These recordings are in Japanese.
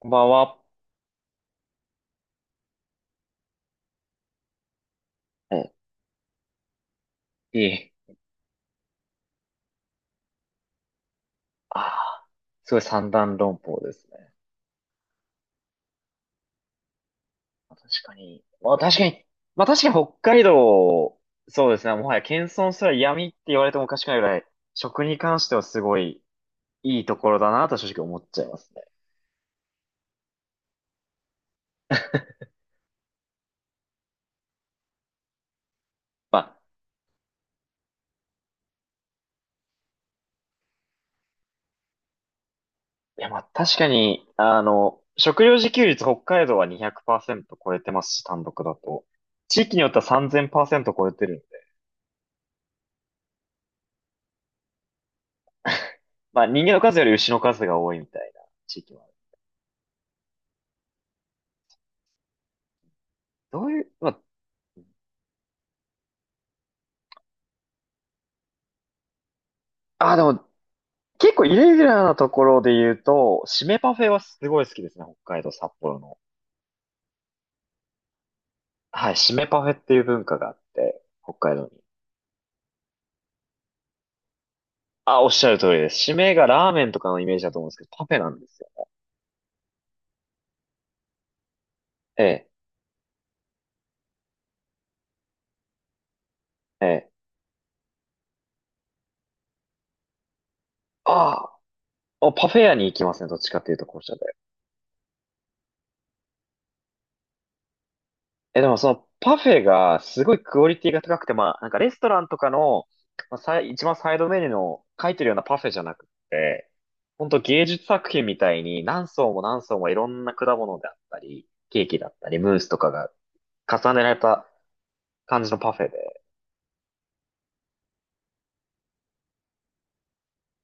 こんばんは。いいああ、すごい三段論法ですね。確かに。まあ確かに。まあ確かに北海道、そうですね。もはや謙遜すら闇って言われてもおかしくないぐらい、食に関してはすごいいいところだなと正直思っちゃいますね。まあ、いやまあ確かに、食料自給率北海道は200%超えてますし、単独だと。地域によっては3000%超えてるんで。まあ人間の数より牛の数が多いみたいな地域もある。どういう、まあ、でも、結構イレギュラーなところで言うと、締めパフェはすごい好きですね。北海道札幌の。はい、締めパフェっていう文化があって、北海道に。あ、おっしゃる通りです。締めがラーメンとかのイメージだと思うんですけど、パフェなんですよ。ええ、ええ。ああ、おパフェ屋に行きますね。どっちかっていうと、こうした。え、でもそのパフェがすごいクオリティが高くて、まあ、なんかレストランとかの、まあ、一番サイドメニューの書いてるようなパフェじゃなくて、ほんと芸術作品みたいに何層も何層もいろんな果物であったり、ケーキだったり、ムースとかが重ねられた感じのパフェで、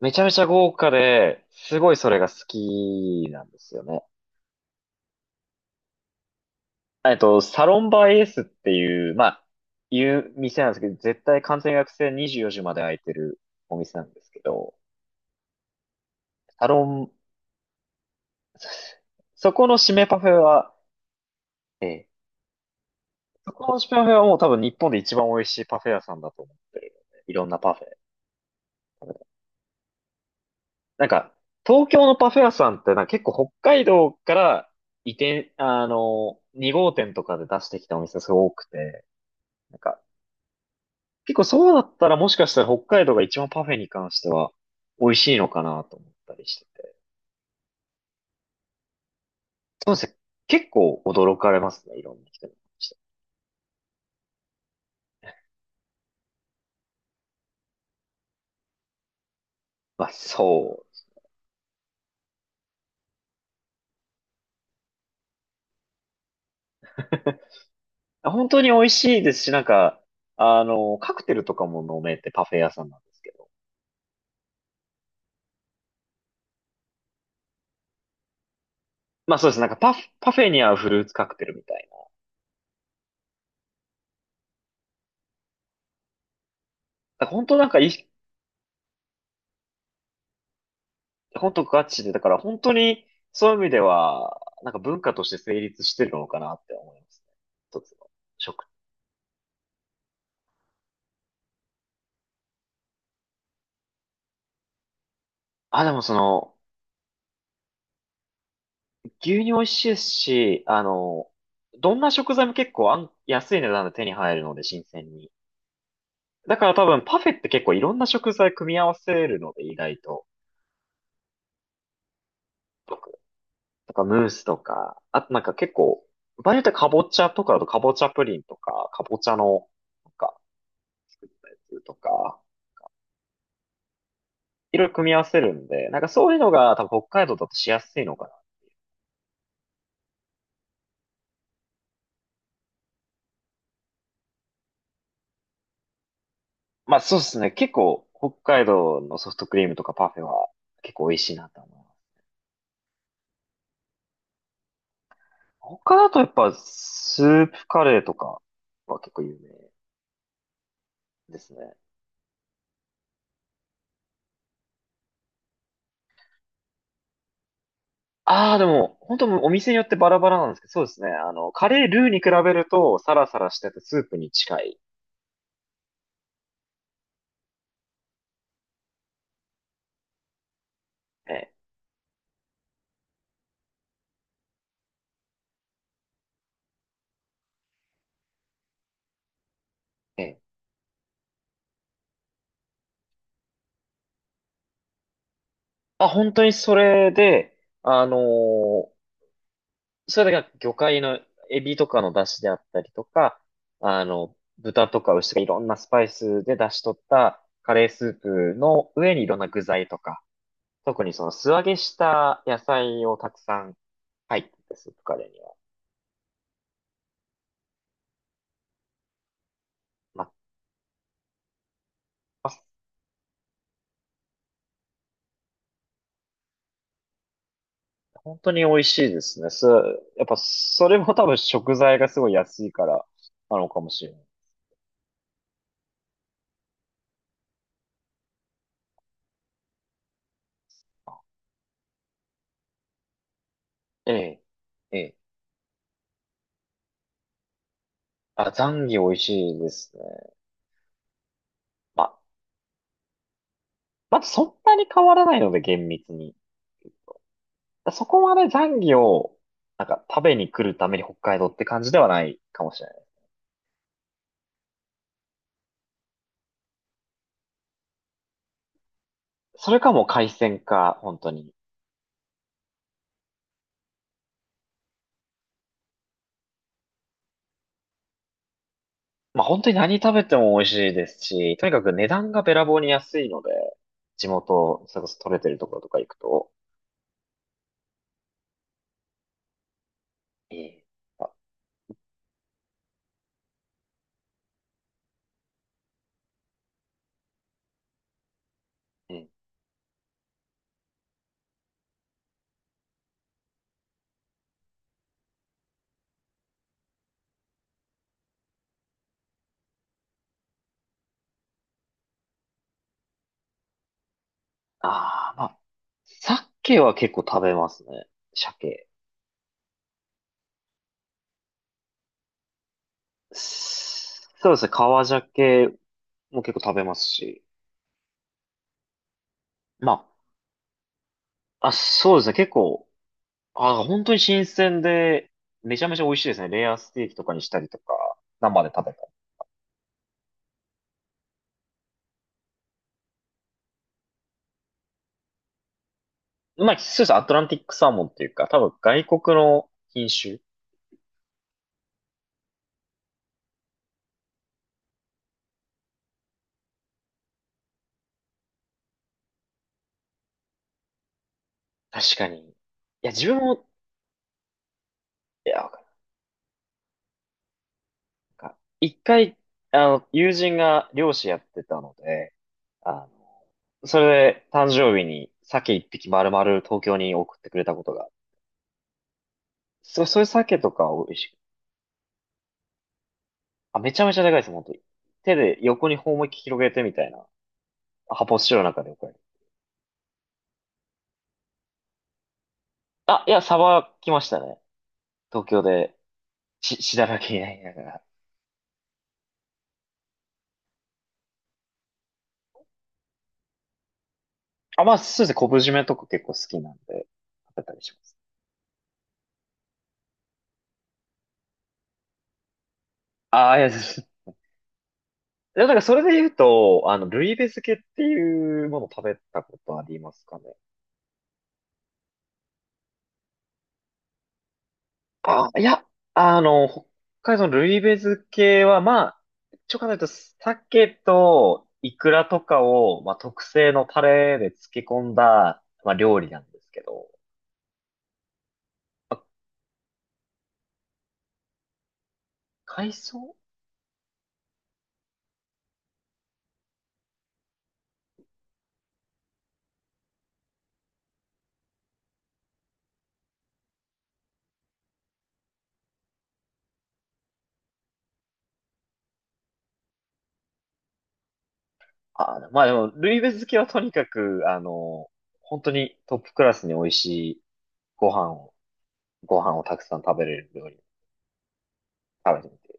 めちゃめちゃ豪華で、すごいそれが好きなんですよね。サロンバイエースっていう、店なんですけど、絶対完全予約制24時まで開いてるお店なんですけど、サロンそこの締めパフェは、ええ、そこの締めパフェはもう多分日本で一番美味しいパフェ屋さんだと思ってるのでいろんなパフェ。なんか、東京のパフェ屋さんってなんか結構北海道から移転、2号店とかで出してきたお店すごく多くて、なんか、結構そうだったらもしかしたら北海道が一番パフェに関しては美味しいのかなと思ったりしてて。そうですね。結構驚かれますね、いろんな人に。まあ、そう本当に美味しいですし、なんか、カクテルとかも飲めてパフェ屋さんなんですけど。まあそうです。なんかパフェに合うフルーツカクテルみたいな。だから本当なんかいい、本当ガチで、だから本当にそういう意味では、なんか文化として成立してるのかなって思いますね。一つの食。あ、でもその、牛乳美味しいですし、どんな食材も結構安い値段で手に入るので、新鮮に。だから多分パフェって結構いろんな食材組み合わせるので、意外と。とかムースとか、あとなんか結構、場合によってはかぼちゃとかだとかぼちゃプリンとか、かぼちゃの、なんか作ったやつとか、いろいろ組み合わせるんで、なんかそういうのが多分北海道だとしやすいのかな。まあそうですね。結構北海道のソフトクリームとかパフェは結構美味しいなと思います。他だとやっぱスープカレーとかは結構有名ですね。ああ、でも本当お店によってバラバラなんですけど、そうですね。カレールーに比べるとサラサラしててスープに近い。ええええ。あ、本当にそれで、あのーそれだけが魚介のエビとかの出汁であったりとか、豚とか牛とかいろんなスパイスで出し取ったカレースープの上にいろんな具材とか、特にその素揚げした野菜をたくさん入ってて、スープカレーには。まあ、まあ本当に美味しいですね。やっぱそれも多分食材がすごい安いからなのかもしれない。ええ、ええ。あ、ザンギ美味しいですね。まあまあ、そんなに変わらないので、厳密に。そこまで残魚を、なんか食べに来るために北海道って感じではないかもしれない。それかもう海鮮か、本当に。まあ本当に何食べても美味しいですし、とにかく値段がべらぼうに安いので、地元、それこそ取れてるところとか行くと、いい。あ、うん。まあ、鮭は結構食べますね。鮭。そうですね、川鮭も結構食べますし。まあ、あ、そうですね、結構、あ、本当に新鮮で、めちゃめちゃ美味しいですね。レアステーキとかにしたりとか、生で食べたり。まあ、そうです。アトランティックサーモンっていうか、多分外国の品種。確かに。いや、自分も、いや、わかるなんか一回、友人が漁師やってたので、あの、それで誕生日に鮭一匹丸々東京に送ってくれたことが。そう、そういう鮭とか美味しい。あ、めちゃめちゃでかいです、本当に。手で横に頬思いっきり広げてみたいな。発泡スチロールの中で。あ、いや、サバ来ましたね。東京で、しだらけになりながら。あ、まあ、そうですね。昆布締めとか結構好きなんで、食べたりします。ああ、いや、そうでもなそれで言うと、ルイベ漬けっていうものを食べたことありますかね。あ、いや、北海道のルイベ漬けは、まあ、ちょ応考えると、鮭とイクラとかを、まあ、特製のタレで漬け込んだ、まあ、料理なんですけど、まあ海藻あ、まあでも、ルイベ漬けはとにかく、本当にトップクラスに美味しいご飯を、たくさん食べれる料理、食べてみて。